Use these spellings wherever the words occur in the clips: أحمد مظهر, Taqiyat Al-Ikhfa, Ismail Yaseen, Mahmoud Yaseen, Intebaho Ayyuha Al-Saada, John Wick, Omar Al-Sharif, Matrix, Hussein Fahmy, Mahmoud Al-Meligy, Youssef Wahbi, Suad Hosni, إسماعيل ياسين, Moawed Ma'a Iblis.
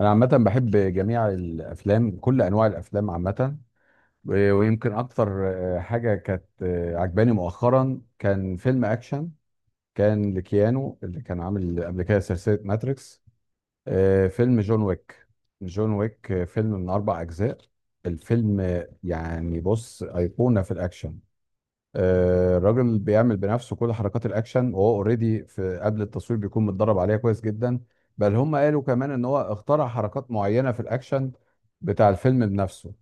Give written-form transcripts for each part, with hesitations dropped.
انا عامه بحب جميع الافلام، كل انواع الافلام عامه. و- ويمكن اكتر. حاجه كانت عجباني مؤخرا، كان فيلم اكشن كان لكيانو اللي كان عامل قبل كده سلسله ماتريكس. فيلم جون ويك. جون ويك، فيلم من 4 اجزاء. الفيلم يعني بص ايقونه في الاكشن. الراجل بيعمل بنفسه كل حركات الاكشن، وهو اوريدي في قبل التصوير بيكون متدرب عليها كويس جدا. بل هم قالوا كمان ان هو اخترع حركات معينه في الاكشن بتاع الفيلم بنفسه.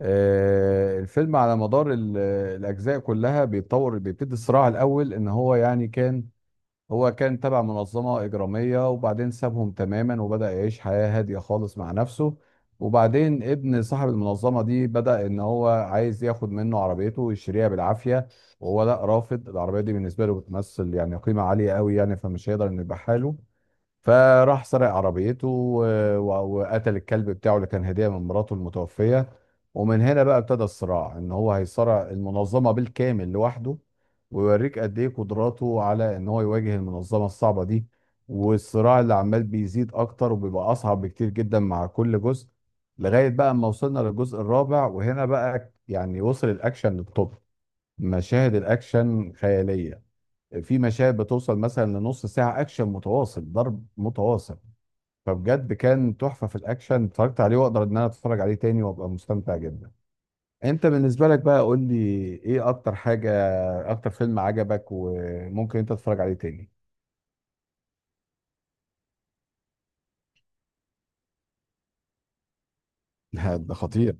الفيلم على مدار الاجزاء كلها بيتطور. بيبتدي الصراع الاول ان هو يعني كان، هو كان تبع منظمة إجرامية، وبعدين سابهم تماما وبدأ يعيش حياة هادية خالص مع نفسه. وبعدين ابن صاحب المنظمة دي بدأ إن هو عايز ياخد منه عربيته ويشتريها بالعافية، وهو لا رافض. العربية دي بالنسبة له بتمثل يعني قيمة عالية قوي يعني، فمش هيقدر إنه يبيعها له. فراح سرق عربيته و- و- وقتل الكلب بتاعه اللي كان هدية من مراته المتوفية. ومن هنا بقى ابتدى الصراع، ان هو هيصارع المنظمة بالكامل لوحده، ويوريك قد ايه قدراته على ان هو يواجه المنظمة الصعبة دي. والصراع اللي عمال بيزيد اكتر وبيبقى اصعب بكتير جدا مع كل جزء، لغاية بقى اما وصلنا للجزء الرابع وهنا بقى يعني وصل الاكشن للطب. مشاهد الاكشن خيالية، في مشاهد بتوصل مثلا لنص ساعة أكشن متواصل، ضرب متواصل. فبجد كان تحفة في الأكشن، اتفرجت عليه وأقدر إن أنا أتفرج عليه تاني وأبقى مستمتع جدا. أنت بالنسبة لك بقى قول لي، إيه أكتر حاجة، أكتر فيلم عجبك وممكن أنت تتفرج عليه تاني. لا، ده خطير.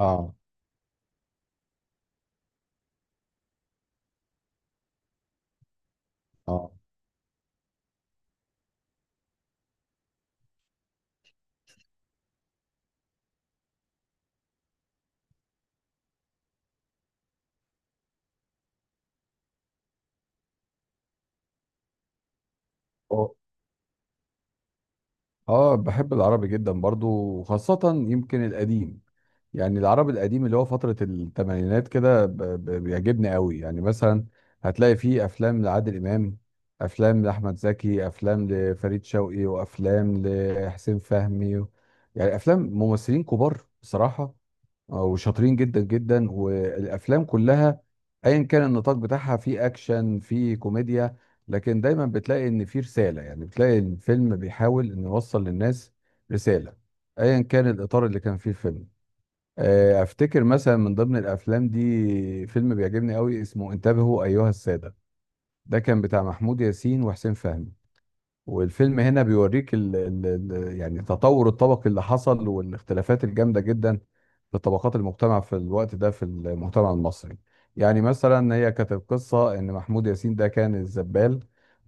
آه. آه. اه. بحب العربي جدا برضو، وخاصة يمكن القديم. يعني العرب القديم اللي هو فترة الثمانينات كده بيعجبني قوي. يعني مثلا هتلاقي فيه أفلام لعادل إمام، أفلام لأحمد زكي، أفلام لفريد شوقي، وأفلام لحسين فهمي. يعني أفلام ممثلين كبار بصراحة، وشاطرين جدا جدا. والأفلام كلها أيا كان النطاق بتاعها، فيه أكشن، فيه كوميديا، لكن دايما بتلاقي إن فيه رسالة. يعني بتلاقي الفيلم بيحاول إنه يوصل للناس رسالة، أيا كان الإطار اللي كان فيه الفيلم. افتكر مثلا من ضمن الافلام دي، فيلم بيعجبني قوي اسمه انتبهوا ايها السادة. ده كان بتاع محمود ياسين وحسين فهمي. والفيلم هنا بيوريك ال ال ال يعني تطور الطبقي اللي حصل، والاختلافات الجامدة جدا في طبقات المجتمع في الوقت ده، في المجتمع المصري. يعني مثلا هي كانت القصة، ان محمود ياسين ده كان الزبال،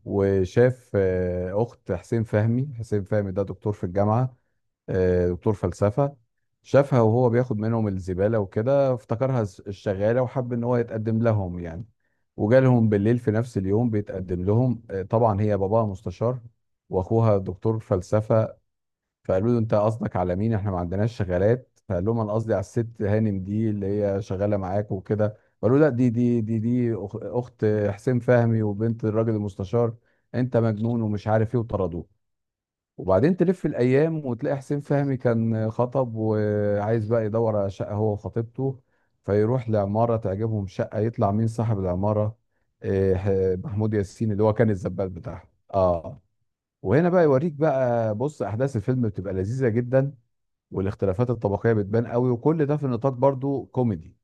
وشاف اخت حسين فهمي. حسين فهمي ده دكتور في الجامعة، دكتور فلسفة. شافها وهو بياخد منهم الزبالة وكده، افتكرها الشغالة، وحب ان هو يتقدم لهم يعني. وجالهم بالليل في نفس اليوم بيتقدم لهم. طبعا هي باباها مستشار، واخوها دكتور فلسفة. فقالوا له انت قصدك على مين، احنا ما عندناش شغالات. فقال لهم انا قصدي على الست هانم دي اللي هي شغالة معاك وكده. قالوا لا، دي اخت حسين فهمي وبنت الراجل المستشار، انت مجنون ومش عارف ايه، وطردوه. وبعدين تلف الايام، وتلاقي حسين فهمي كان خطب وعايز بقى يدور على شقه هو وخطيبته. فيروح لعماره تعجبهم شقه، يطلع مين صاحب العماره؟ إيه، محمود ياسين اللي هو كان الزبال بتاعهم. اه. وهنا بقى يوريك بقى، بص احداث الفيلم بتبقى لذيذه جدا، والاختلافات الطبقيه بتبان قوي، وكل ده في نطاق برضو كوميدي.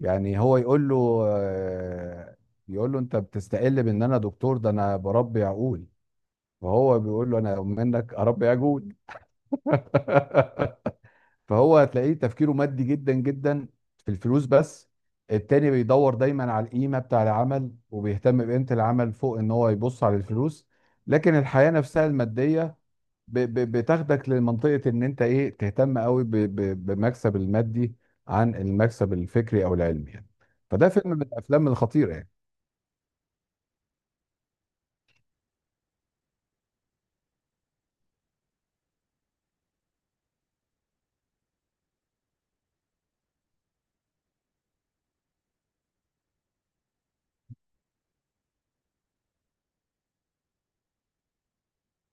يعني هو يقول له يقول له انت بتستقل بان انا دكتور، ده انا بربي عقول. فهو بيقول له انا منك اربي عجول. فهو هتلاقيه تفكيره مادي جدا جدا، في الفلوس بس. التاني بيدور دايما على القيمة بتاع العمل، وبيهتم بقيمة العمل فوق ان هو يبص على الفلوس. لكن الحياة نفسها المادية بتاخدك لمنطقة ان انت ايه، تهتم قوي بمكسب المادي عن المكسب الفكري او العلمي يعني. فده فيلم من الافلام الخطيرة يعني.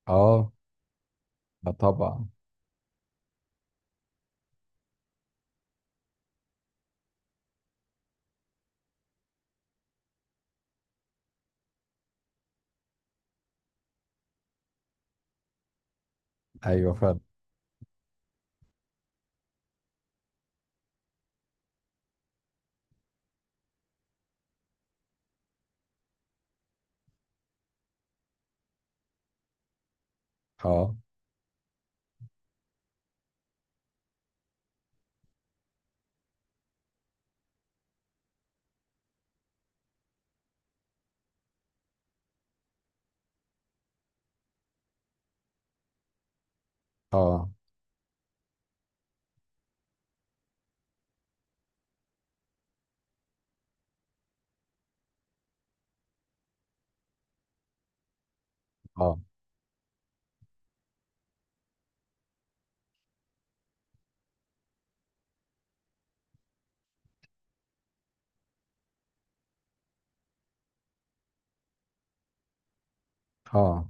اه. آه طبعا. ايوه فعلا. اه. اه. اه. اه.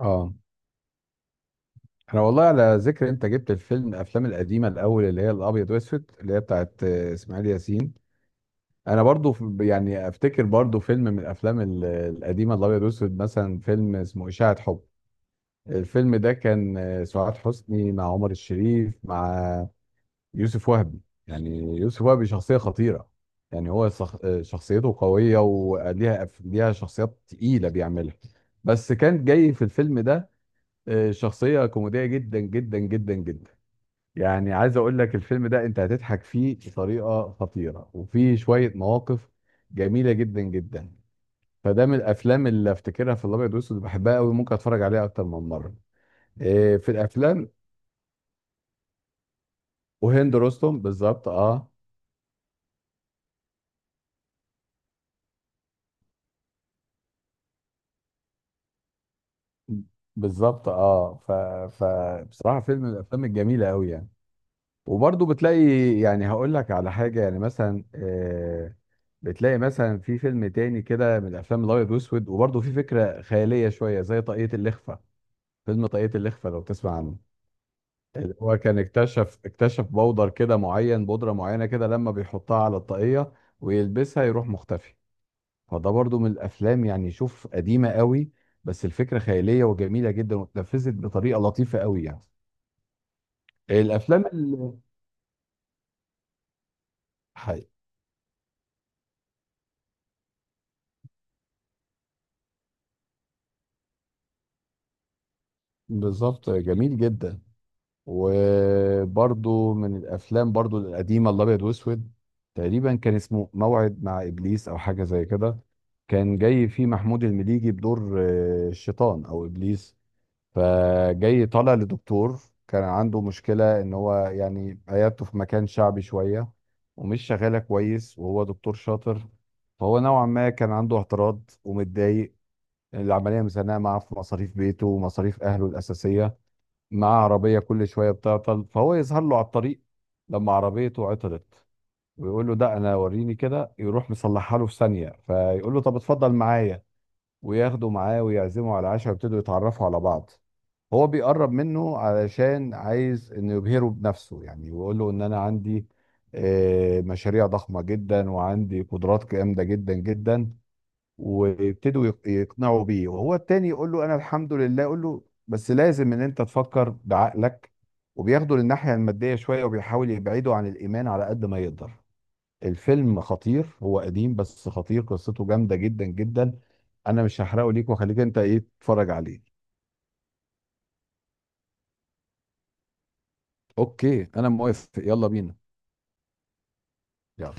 اه. احنا والله على ذكر، انت جبت الفيلم، الافلام القديمه الاول اللي هي الابيض واسود اللي هي بتاعت اسماعيل ياسين. انا برضو يعني افتكر برضو فيلم من الافلام القديمه الابيض واسود، مثلا فيلم اسمه اشاعه حب. الفيلم ده كان سعاد حسني مع عمر الشريف مع يوسف وهبي. يعني يوسف وهبي شخصيه خطيره، يعني هو شخصيته قويه وليها ليها شخصيات تقيله بيعملها. بس كان جاي في الفيلم ده شخصيه كوميديه جدا جدا جدا جدا. يعني عايز اقول لك الفيلم ده انت هتضحك فيه بطريقه خطيره، وفيه شويه مواقف جميله جدا جدا. فده من الافلام اللي افتكرها في الابيض والاسود، بحبها قوي، ممكن اتفرج عليها اكتر من مره. إيه في الافلام. وهند رستم بالظبط، اه. بالظبط اه. فبصراحه فيلم من الافلام الجميله قوي يعني. وبرضه بتلاقي، يعني هقول لك على حاجه، يعني مثلا آه، بتلاقي مثلا في فيلم تاني كده من الافلام الابيض والاسود، وبرضه في فكره خياليه شويه زي طاقية الإخفاء. فيلم طاقية الإخفاء لو تسمع عنه، اللي هو كان اكتشف اكتشف بودر كده معين، بودرة معينة كده، لما بيحطها على الطاقية ويلبسها يروح مختفي. فده برضو من الأفلام، يعني شوف قديمة قوي، بس الفكرة خيالية وجميلة جدا، واتنفذت بطريقة لطيفة قوي يعني. الأفلام اللي حي. بالظبط جميل جدا. وبرضو من الافلام برضو القديمه الابيض واسود، تقريبا كان اسمه موعد مع ابليس او حاجه زي كده. كان جاي فيه محمود المليجي بدور الشيطان او ابليس. فجاي طالع لدكتور كان عنده مشكله ان هو يعني عيادته في مكان شعبي شويه، ومش شغاله كويس وهو دكتور شاطر. فهو نوعا ما كان عنده اعتراض ومتضايق. العمليه مزنقه معاه في مصاريف بيته ومصاريف اهله الاساسيه، مع عربية كل شوية بتعطل. فهو يظهر له على الطريق لما عربيته عطلت، ويقول له ده انا وريني كده، يروح مصلحها له في ثانية. فيقول له طب اتفضل معايا، وياخده معاه ويعزمه على عشاء، ويبتدوا يتعرفوا على بعض. هو بيقرب منه علشان عايز انه يبهره بنفسه يعني، ويقول له ان انا عندي مشاريع ضخمة جدا وعندي قدرات جامدة جدا جدا. ويبتدوا يقنعوا بيه، وهو التاني يقول له انا الحمد لله. يقول له بس لازم ان انت تفكر بعقلك، وبياخدوا للناحية المادية شوية، وبيحاول يبعدوا عن الإيمان على قد ما يقدر. الفيلم خطير، هو قديم بس خطير، قصته جامدة جدا جدا. انا مش هحرقه ليك، واخليك انت ايه تتفرج عليه. اوكي انا موافق، يلا بينا. يلا.